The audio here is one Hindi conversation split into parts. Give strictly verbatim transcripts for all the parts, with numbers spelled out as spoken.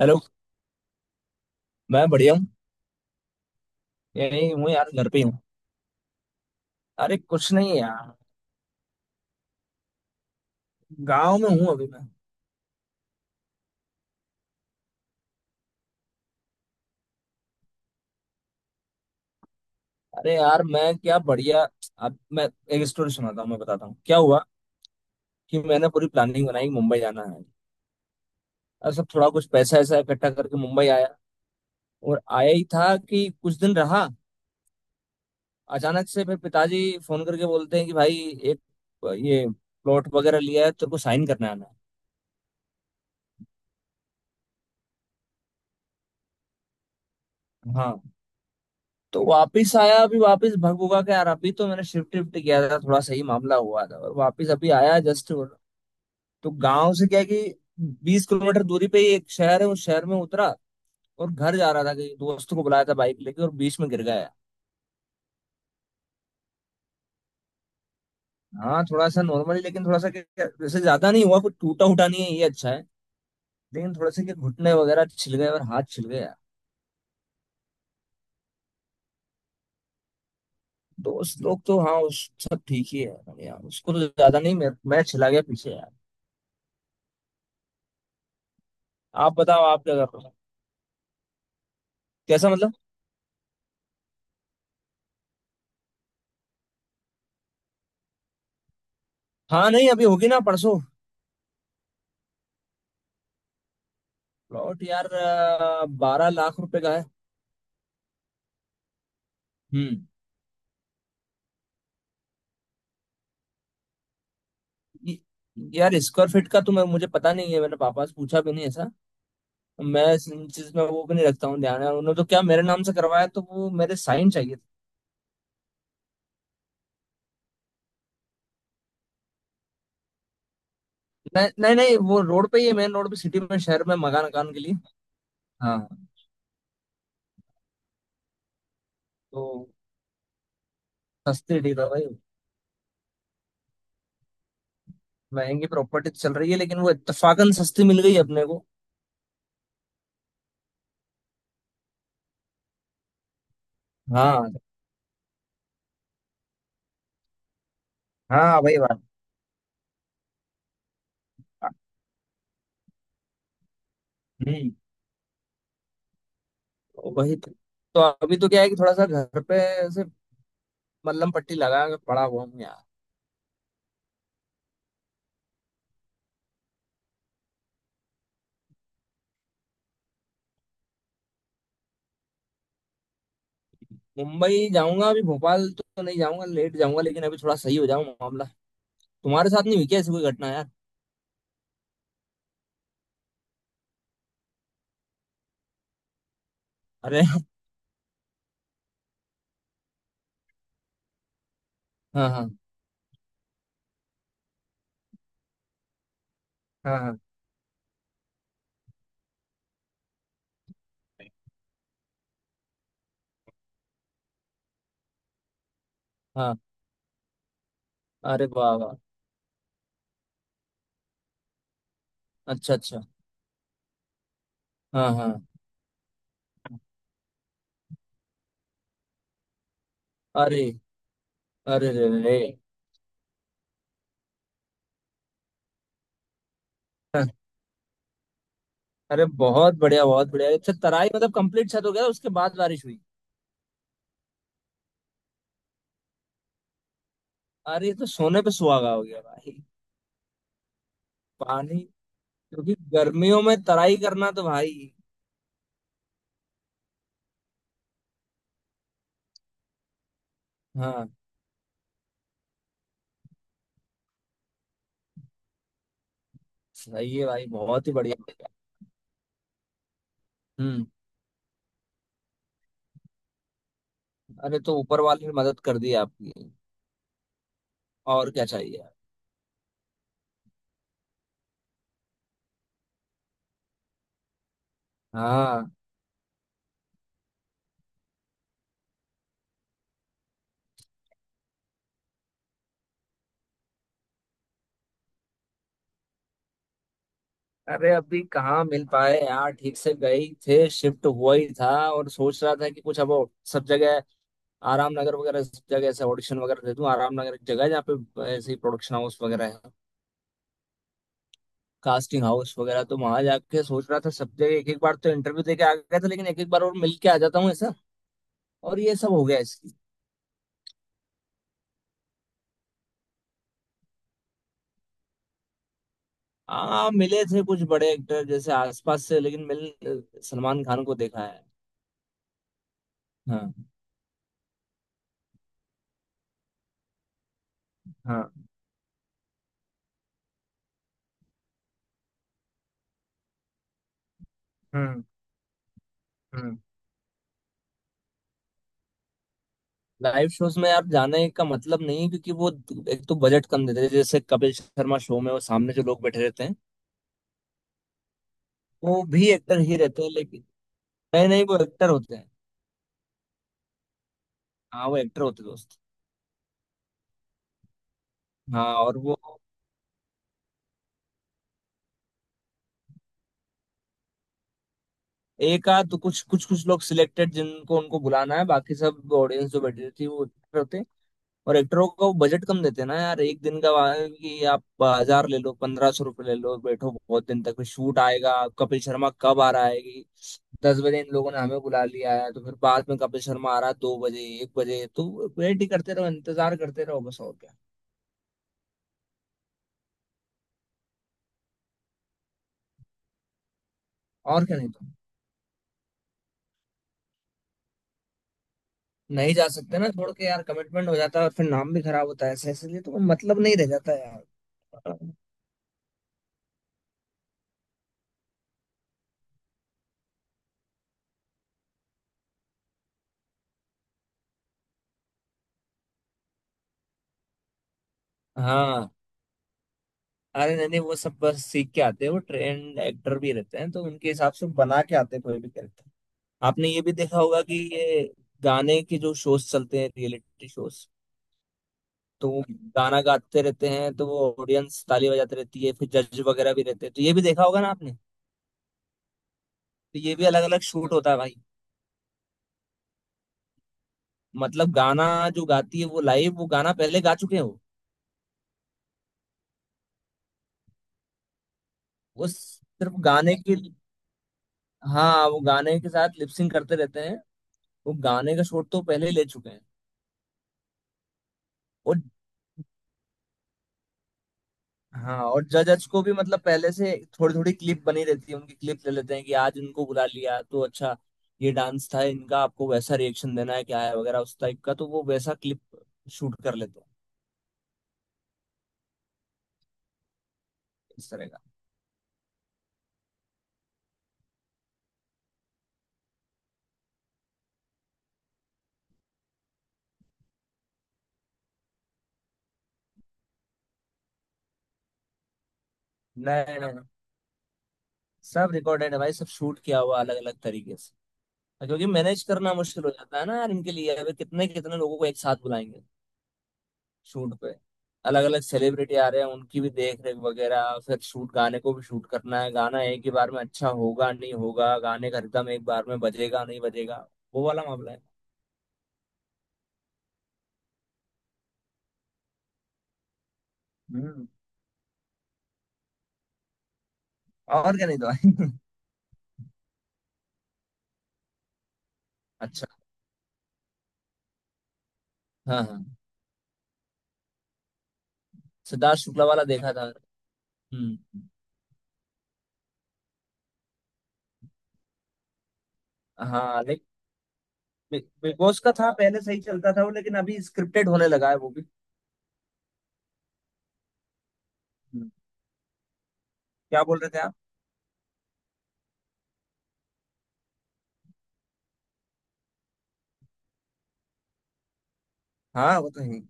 हेलो। मैं बढ़िया हूँ। यही हूँ यार, घर पे ही हूँ। अरे कुछ नहीं यार। गांव में हूँ अभी मैं। अरे यार, मैं क्या बढ़िया। अब मैं एक स्टोरी सुनाता हूँ, मैं बताता हूँ क्या हुआ। कि मैंने पूरी प्लानिंग बनाई मुंबई जाना है, और सब थोड़ा कुछ पैसा ऐसा इकट्ठा करके मुंबई आया। और आया ही था कि कुछ दिन रहा, अचानक से फिर पिताजी फोन करके बोलते हैं कि भाई एक ये प्लॉट वगैरह लिया है, तेरे को साइन करने आना है। हाँ। तो वापिस आया। अभी वापिस भग भुगा के यार, अभी तो मैंने शिफ्ट शिफ्ट किया था, थोड़ा सही मामला हुआ था, और वापिस अभी आया जस्ट। तो गांव से क्या है कि बीस किलोमीटर दूरी पे ही एक शहर है, उस शहर में उतरा। और घर जा रहा था, कहीं दोस्त को बुलाया था बाइक लेके, और बीच में गिर गया। हाँ, थोड़ा सा नॉर्मली, लेकिन थोड़ा सा क्या- वैसे ज्यादा नहीं हुआ, कुछ टूटा उटा नहीं है, ये अच्छा है। लेकिन थोड़ा सा क्या, घुटने वगैरह छिल गए और हाथ छिल गया। दोस्त लोग तो हाँ, उस सब ठीक ही है यार, उसको तो ज्यादा नहीं, मैं मैं छिला गया पीछे यार। आप बताओ, आप क्या कर रहे हो? कैसा मतलब? हाँ नहीं, अभी होगी ना परसों। प्लॉट यार बारह लाख रुपए का है। हम्म। य- यार, स्क्वायर फीट का तो मैं मुझे पता नहीं है, मैंने पापा से पूछा भी नहीं ऐसा। मैं इस चीज में वो भी नहीं रखता हूँ ध्यान यार, उन्होंने तो क्या मेरे नाम से करवाया, तो वो मेरे साइन चाहिए थे। नहीं नहीं नहीं, वो रोड पे ही है, मेन रोड पे सिटी में शहर में, मकान मकान के लिए। हाँ। तो सस्ती ठीक है भाई, महंगी प्रॉपर्टी चल रही है लेकिन वो इत्तेफाकन सस्ती मिल गई अपने को। हाँ हाँ भाई बात। हम्म। तो वही तो। तो अभी तो क्या है कि थोड़ा सा घर पे मल्लम पट्टी लगा के पड़ा हुआ हूँ यार। मुंबई जाऊंगा, अभी भोपाल तो नहीं जाऊंगा, लेट जाऊंगा, लेकिन अभी थोड़ा सही हो जाऊं मामला। तुम्हारे साथ नहीं हुई क्या ऐसी कोई घटना यार? अरे। हाँ हाँ। हाँ हाँ हाँ। अरे वाह वाह। अच्छा अच्छा। हाँ हाँ। अरे, अरे रे रे रे। अरे बहुत बढ़िया बहुत बढ़िया। अच्छा, तराई मतलब कंप्लीट छत हो गया उसके बाद बारिश हुई? अरे ये तो सोने पे सुहागा हो गया भाई। पानी, क्योंकि गर्मियों में तराई करना तो भाई। हाँ। सही है भाई, बहुत ही बढ़िया। हम्म। अरे तो ऊपर वाले ने मदद कर दी आपकी। और क्या चाहिए। हाँ। अरे अभी कहाँ मिल पाए यार, ठीक से गए थे, शिफ्ट हुआ ही था और सोच रहा था कि कुछ अब सब जगह आराम नगर वगैरह सब जगह ऐसे ऑडिशन वगैरह दे दूं। आराम नगर एक जगह है जहाँ पे ऐसे ही प्रोडक्शन हाउस वगैरह है, कास्टिंग हाउस वगैरह। तो वहां जाके सोच रहा था सब जगह एक एक बार तो इंटरव्यू दे के आ गया था, लेकिन एक एक बार और मिल के आ जाता हूँ ऐसा, और ये सब हो गया इसकी। हाँ मिले थे कुछ बड़े एक्टर जैसे आसपास से, लेकिन मिल सलमान खान को देखा है। हाँ हाँ। हम्म। हम्म। लाइव शोज में आप जाने का मतलब नहीं है, क्योंकि वो, एक तो बजट कम देते हैं, जैसे कपिल शर्मा शो में वो सामने जो लोग बैठे रहते हैं, वो भी एक्टर ही रहते हैं। लेकिन नहीं नहीं, वो एक्टर होते हैं। हाँ वो एक्टर होते हैं दोस्त। हाँ और वो एक आध कुछ कुछ कुछ लोग सिलेक्टेड, जिनको उनको बुलाना है, बाकी सब ऑडियंस जो बैठी रहती है वो actor होते हैं। और एक्टरों को बजट कम देते हैं ना यार, एक दिन का वहाँ, कि आप हजार ले लो, पंद्रह सौ रुपये ले लो, बैठो बहुत दिन तक फिर शूट आएगा। कपिल शर्मा कब आ रहा है, कि दस बजे इन लोगों ने हमें बुला लिया है, तो फिर बाद में कपिल शर्मा आ रहा है दो बजे एक बजे, तो वेट ही करते रहो, इंतजार करते रहो, बस और क्या। और क्या, नहीं तो। नहीं जा सकते ना छोड़ के यार, कमिटमेंट हो जाता है और फिर नाम भी खराब होता है, ऐसे ऐसे लिए तो मतलब नहीं रह जाता यार। हाँ। अरे नहीं नहीं, वो सब बस सीख के आते हैं, वो ट्रेंड एक्टर भी रहते हैं, तो उनके हिसाब से बना के आते हैं कोई भी कैरेक्टर। आपने ये भी देखा होगा कि ये गाने के जो शोज चलते हैं, रियलिटी शोज, तो वो गाना गाते रहते हैं, तो वो ऑडियंस ताली बजाते रहती है, फिर जज वगैरह भी रहते हैं, तो ये भी देखा होगा ना आपने। तो ये भी अलग अलग शूट होता है भाई। मतलब गाना जो गाती है वो लाइव, वो गाना पहले गा चुके हैं वो। वो सिर्फ गाने के। हाँ वो गाने के साथ लिपसिंग करते रहते हैं, वो गाने का शूट तो पहले ही ले चुके हैं। और हाँ, और जजज को भी मतलब पहले से थोड़ी थोड़ी क्लिप बनी रहती है, उनकी क्लिप ले लेते हैं, कि आज इनको बुला लिया तो अच्छा, ये डांस था इनका, आपको वैसा रिएक्शन देना है क्या है वगैरह उस टाइप का, तो वो वैसा क्लिप शूट कर लेते हैं, इस तरह का। नहीं नहीं नहीं, सब रिकॉर्डेड है भाई, सब शूट किया हुआ अलग अलग तरीके से, क्योंकि मैनेज करना मुश्किल हो जाता है ना यार, इनके लिए अभी कितने कितने लोगों को एक साथ बुलाएंगे शूट पे। अलग अलग सेलिब्रिटी आ रहे हैं, उनकी भी देख रेख वगैरह, फिर शूट, गाने को भी शूट करना है, गाना एक ही बार में अच्छा होगा नहीं होगा, गाने का रिदम एक बार में बजेगा नहीं बजेगा, वो वाला मामला है। हम्म। और क्या, नहीं तो भाई। अच्छा। हाँ हाँ। सिद्धार्थ शुक्ला वाला देखा था। हम्म। हाँ लेकिन बिग बिग बॉस का था, पहले सही चलता था वो, लेकिन अभी स्क्रिप्टेड होने लगा है वो भी। हम्म, क्या बोल रहे थे आप? हाँ वो तो है,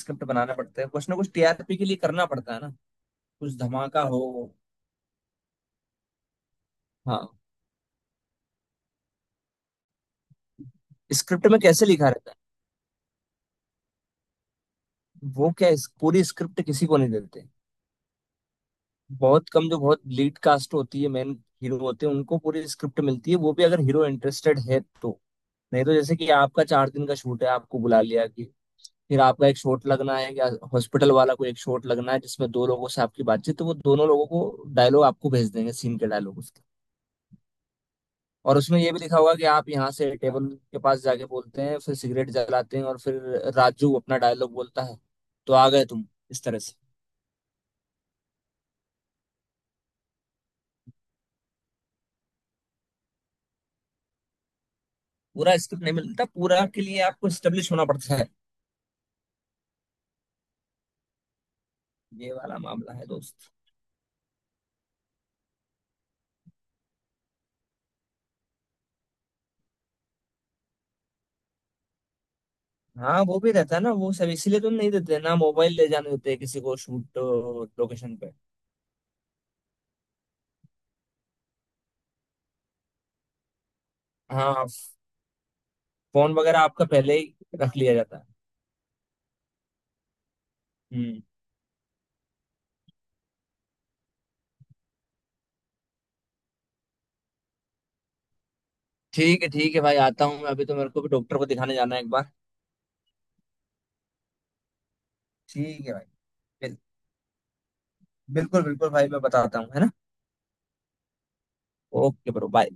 स्क्रिप्ट बनाना पड़ता है, कुछ ना कुछ टीआरपी के लिए करना पड़ता है ना, कुछ धमाका हो। हाँ, स्क्रिप्ट में कैसे लिखा रहता है, वो क्या इस, पूरी स्क्रिप्ट किसी को नहीं देते, बहुत कम, जो बहुत लीड कास्ट होती है, मेन हीरो होते हैं, उनको पूरी स्क्रिप्ट मिलती है, वो भी अगर हीरो इंटरेस्टेड है तो। नहीं तो जैसे कि आपका चार दिन का शूट है, आपको बुला लिया कि फिर आपका एक शॉट लगना है, या हॉस्पिटल वाला को एक शॉट लगना है जिसमें दो लोगों से आपकी बातचीत, तो वो दोनों लोगों को डायलॉग आपको भेज देंगे, सीन के डायलॉग उसके। और उसमें ये भी लिखा होगा कि आप यहाँ से टेबल के पास जाके बोलते हैं, फिर सिगरेट जलाते हैं, और फिर राजू अपना डायलॉग बोलता है, तो आ गए तुम, इस तरह से। पूरा स्क्रिप्ट नहीं मिलता, मतलब पूरा के लिए आपको स्टेब्लिश होना पड़ता है, ये वाला मामला है दोस्त। हाँ वो भी रहता है ना वो सब, इसीलिए तो नहीं देते ना, मोबाइल ले जाने देते हैं किसी को शूट लोकेशन पे। हाँ फोन वगैरह आपका पहले ही रख लिया जाता है। हम्म। ठीक है ठीक है भाई, आता हूँ मैं, अभी तो मेरे को भी डॉक्टर को दिखाने जाना है एक बार। ठीक है भाई। बिल- बिल्कुल बिल्कुल भाई, मैं बताता हूँ है ना। Okay bro bye.